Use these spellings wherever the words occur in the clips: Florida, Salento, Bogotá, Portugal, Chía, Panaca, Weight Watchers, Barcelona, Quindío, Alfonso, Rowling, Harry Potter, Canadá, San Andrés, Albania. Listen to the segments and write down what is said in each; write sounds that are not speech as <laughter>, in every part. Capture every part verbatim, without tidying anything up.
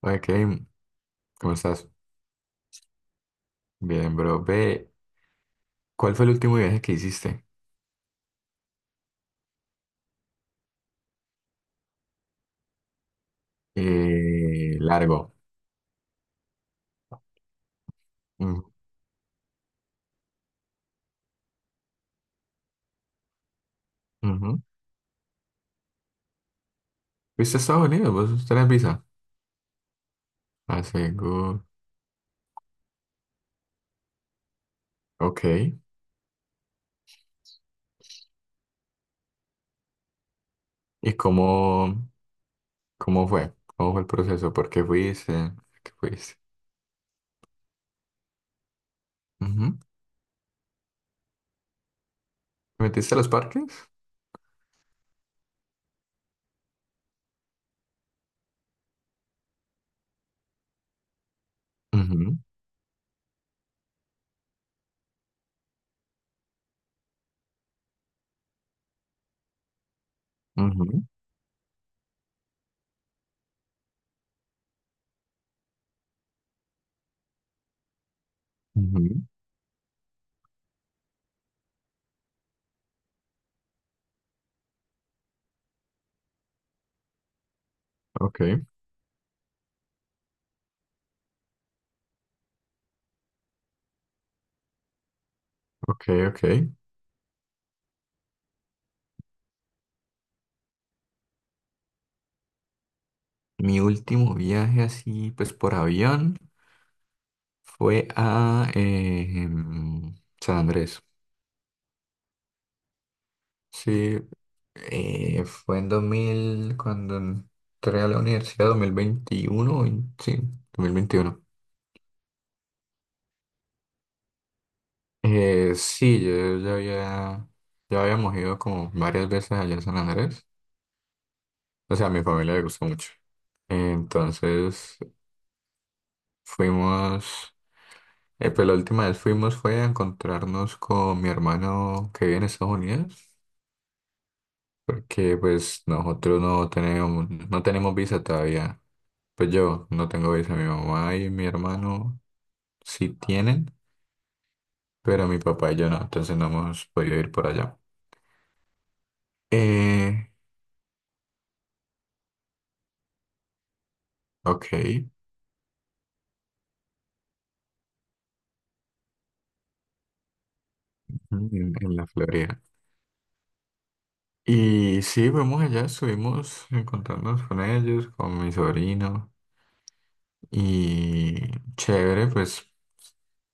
Hola Kevin, ¿cómo estás? Bien, bro. Ve, ¿cuál fue el último viaje que hiciste? Eh, largo. Mm, ujú. ¿Fuiste a Estados Unidos? ¿Vos tenés visa? Ah, seguro. Ok. ¿Y cómo, cómo fue? ¿Cómo fue el proceso? ¿Por qué fuiste? ¿Por ¿Qué fuiste? Ujú. ¿Te metiste a los parques? Ujú, ujú, ujú. Ok, ok, ok. Mi último viaje así, pues por avión, fue a eh, em, San Andrés. Sí, eh, fue en dos mil cuando entré a la universidad, dos mil veintiuno, vein- sí, dos mil veintiuno. Eh, sí, yo ya había, ya habíamos ido como varias veces allá a San Andrés. O sea, a mi familia le gustó mucho. Entonces fuimos, eh, pues la última vez fuimos fue a encontrarnos con mi hermano que vive en Estados Unidos, porque pues nosotros no tenemos, no tenemos visa todavía. Pues yo no tengo visa, mi mamá y mi hermano sí tienen, pero mi papá y yo no, entonces no hemos podido ir por allá. Eh, ok, en, en la Florida. Y sí, fuimos allá, estuvimos encontrándonos con ellos, con mi sobrino, y chévere, pues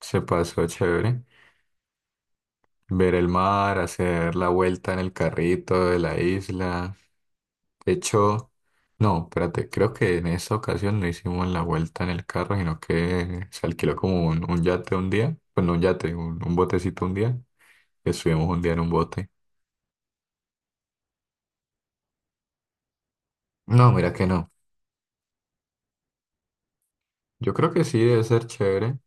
se pasó chévere. Ver el mar, hacer la vuelta en el carrito de la isla. De hecho, no, espérate, creo que en esa ocasión no hicimos la vuelta en el carro, sino que se alquiló como un, un yate un día, pues no un yate, un, un botecito un día, estuvimos un día en un bote. No, mira que no. Yo creo que sí debe ser chévere,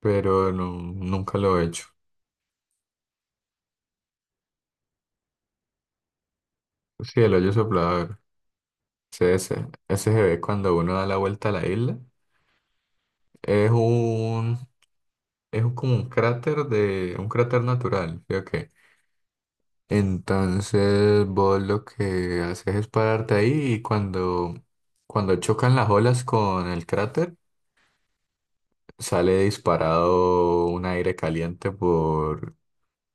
pero no, nunca lo he hecho. Sí, el hoyo soplador, sí, ese, ese se ve cuando uno da la vuelta a la isla. Es un, es un- Como un cráter de, un cráter natural, ¿sí o qué? Entonces vos lo que haces es pararte ahí y cuando, cuando chocan las olas con el cráter, sale disparado un aire caliente por...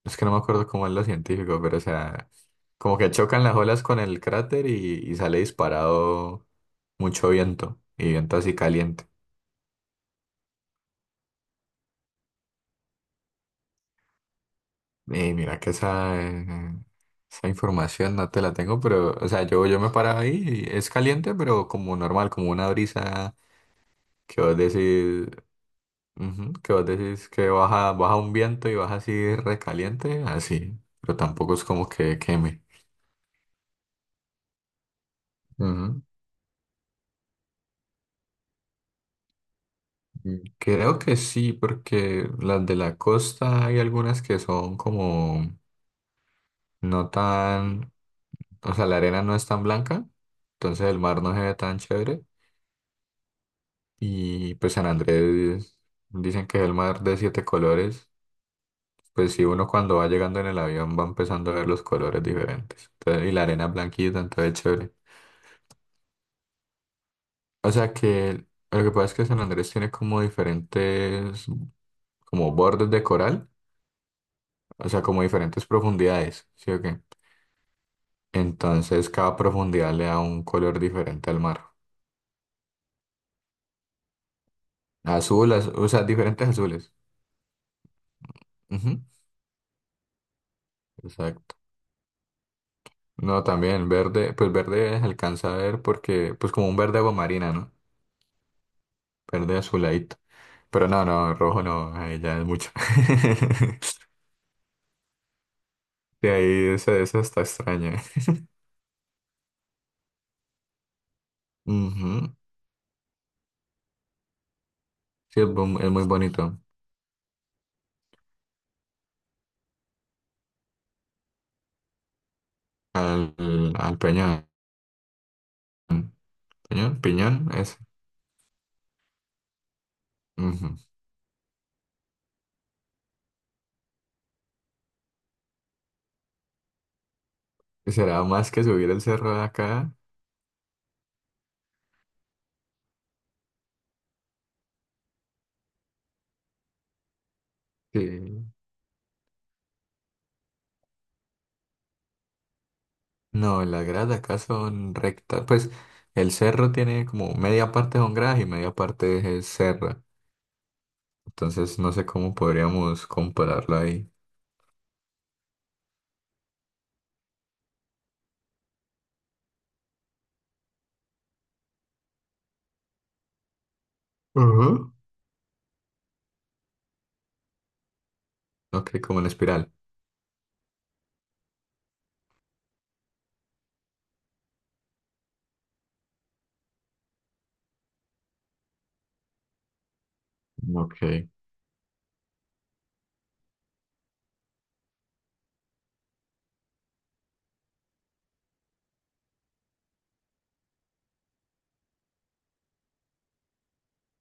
Es que no me acuerdo cómo es lo científico, pero o sea, como que chocan las olas con el cráter y, y sale disparado mucho viento y viento así caliente. Y mira que esa, eh, esa información no te la tengo, pero o sea, yo, yo me paraba ahí y es caliente, pero como normal, como una brisa. Que vos decís, ujú, que vos decís que baja, baja un viento y baja así recaliente, así, pero tampoco es como que queme. Ujú. Mm, creo que sí, porque las de la costa hay algunas que son como no tan, o sea, la arena no es tan blanca, entonces el mar no se ve tan chévere. Y pues San Andrés dicen que es el mar de siete colores, pues sí, uno cuando va llegando en el avión va empezando a ver los colores diferentes. Entonces, y la arena blanquita, entonces es chévere. O sea que lo que pasa es que San Andrés tiene como diferentes, como bordes de coral, o sea, como diferentes profundidades, ¿sí o qué? Entonces cada profundidad le da un color diferente al mar. Azul, az- o sea, diferentes azules. Ujú, exacto. No, también verde, pues verde se alcanza a ver porque, pues como un verde agua marina, ¿no? Verde azuladito. Pero no, no, rojo no, ahí ya es mucho. <laughs> De ahí eso, eso está extraño. <laughs> Ujú. Sí, es bu- es muy bonito. al, al Peñón. Peñón, Piñón, eso. Ujú. Será más que subir el cerro de acá. Sí. No, las gradas de acá son rectas. Pues el cerro tiene como media parte son gradas y media parte es serra. Entonces no sé cómo podríamos compararlo ahí. Ujú. Ok, como en espiral. Ok.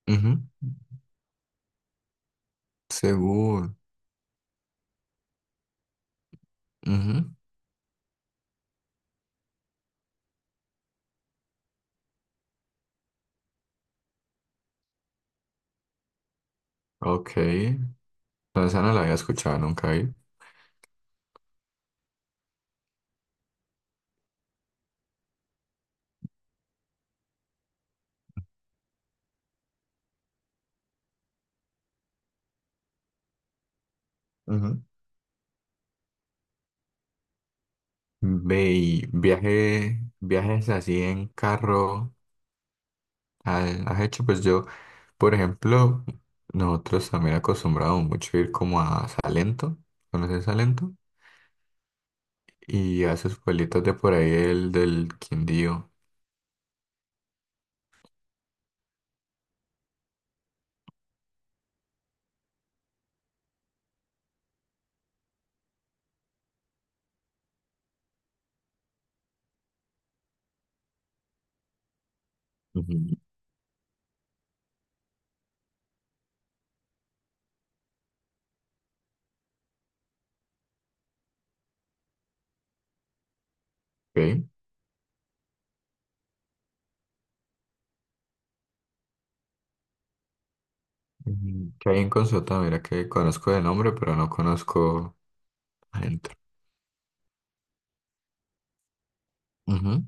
Ujú. Seguro. Ujú. Ok. No, esa no la había escuchado nunca ahí. Ujú. Ve y viaje, ¿viajes así en carro ha- has hecho? Pues yo, por ejemplo, nosotros también acostumbramos mucho ir como a Salento, ¿conoces Salento? Y a esos pueblitos de por ahí, el del Quindío. Ujú. Ok. Ujú. Que hay en Consulta, mira que conozco de nombre, pero no conozco adentro. Ujú,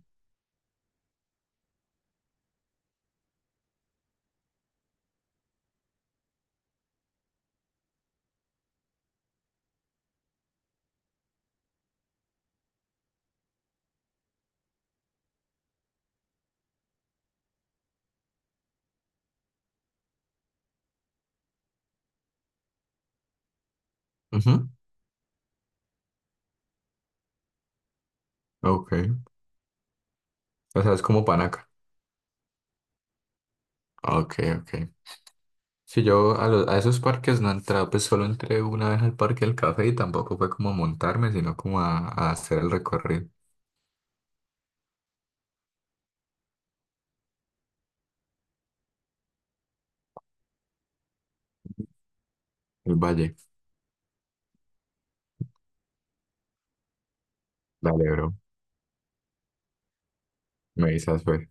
ujú, ok. O sea, es como Panaca. Ok, ok, si yo a, lo- a esos parques no he entrado, pues solo entré una vez al parque del café y tampoco fue como a montarme, sino como a, a hacer el recorrido, el valle. Dale, bro. Me avisas, pues.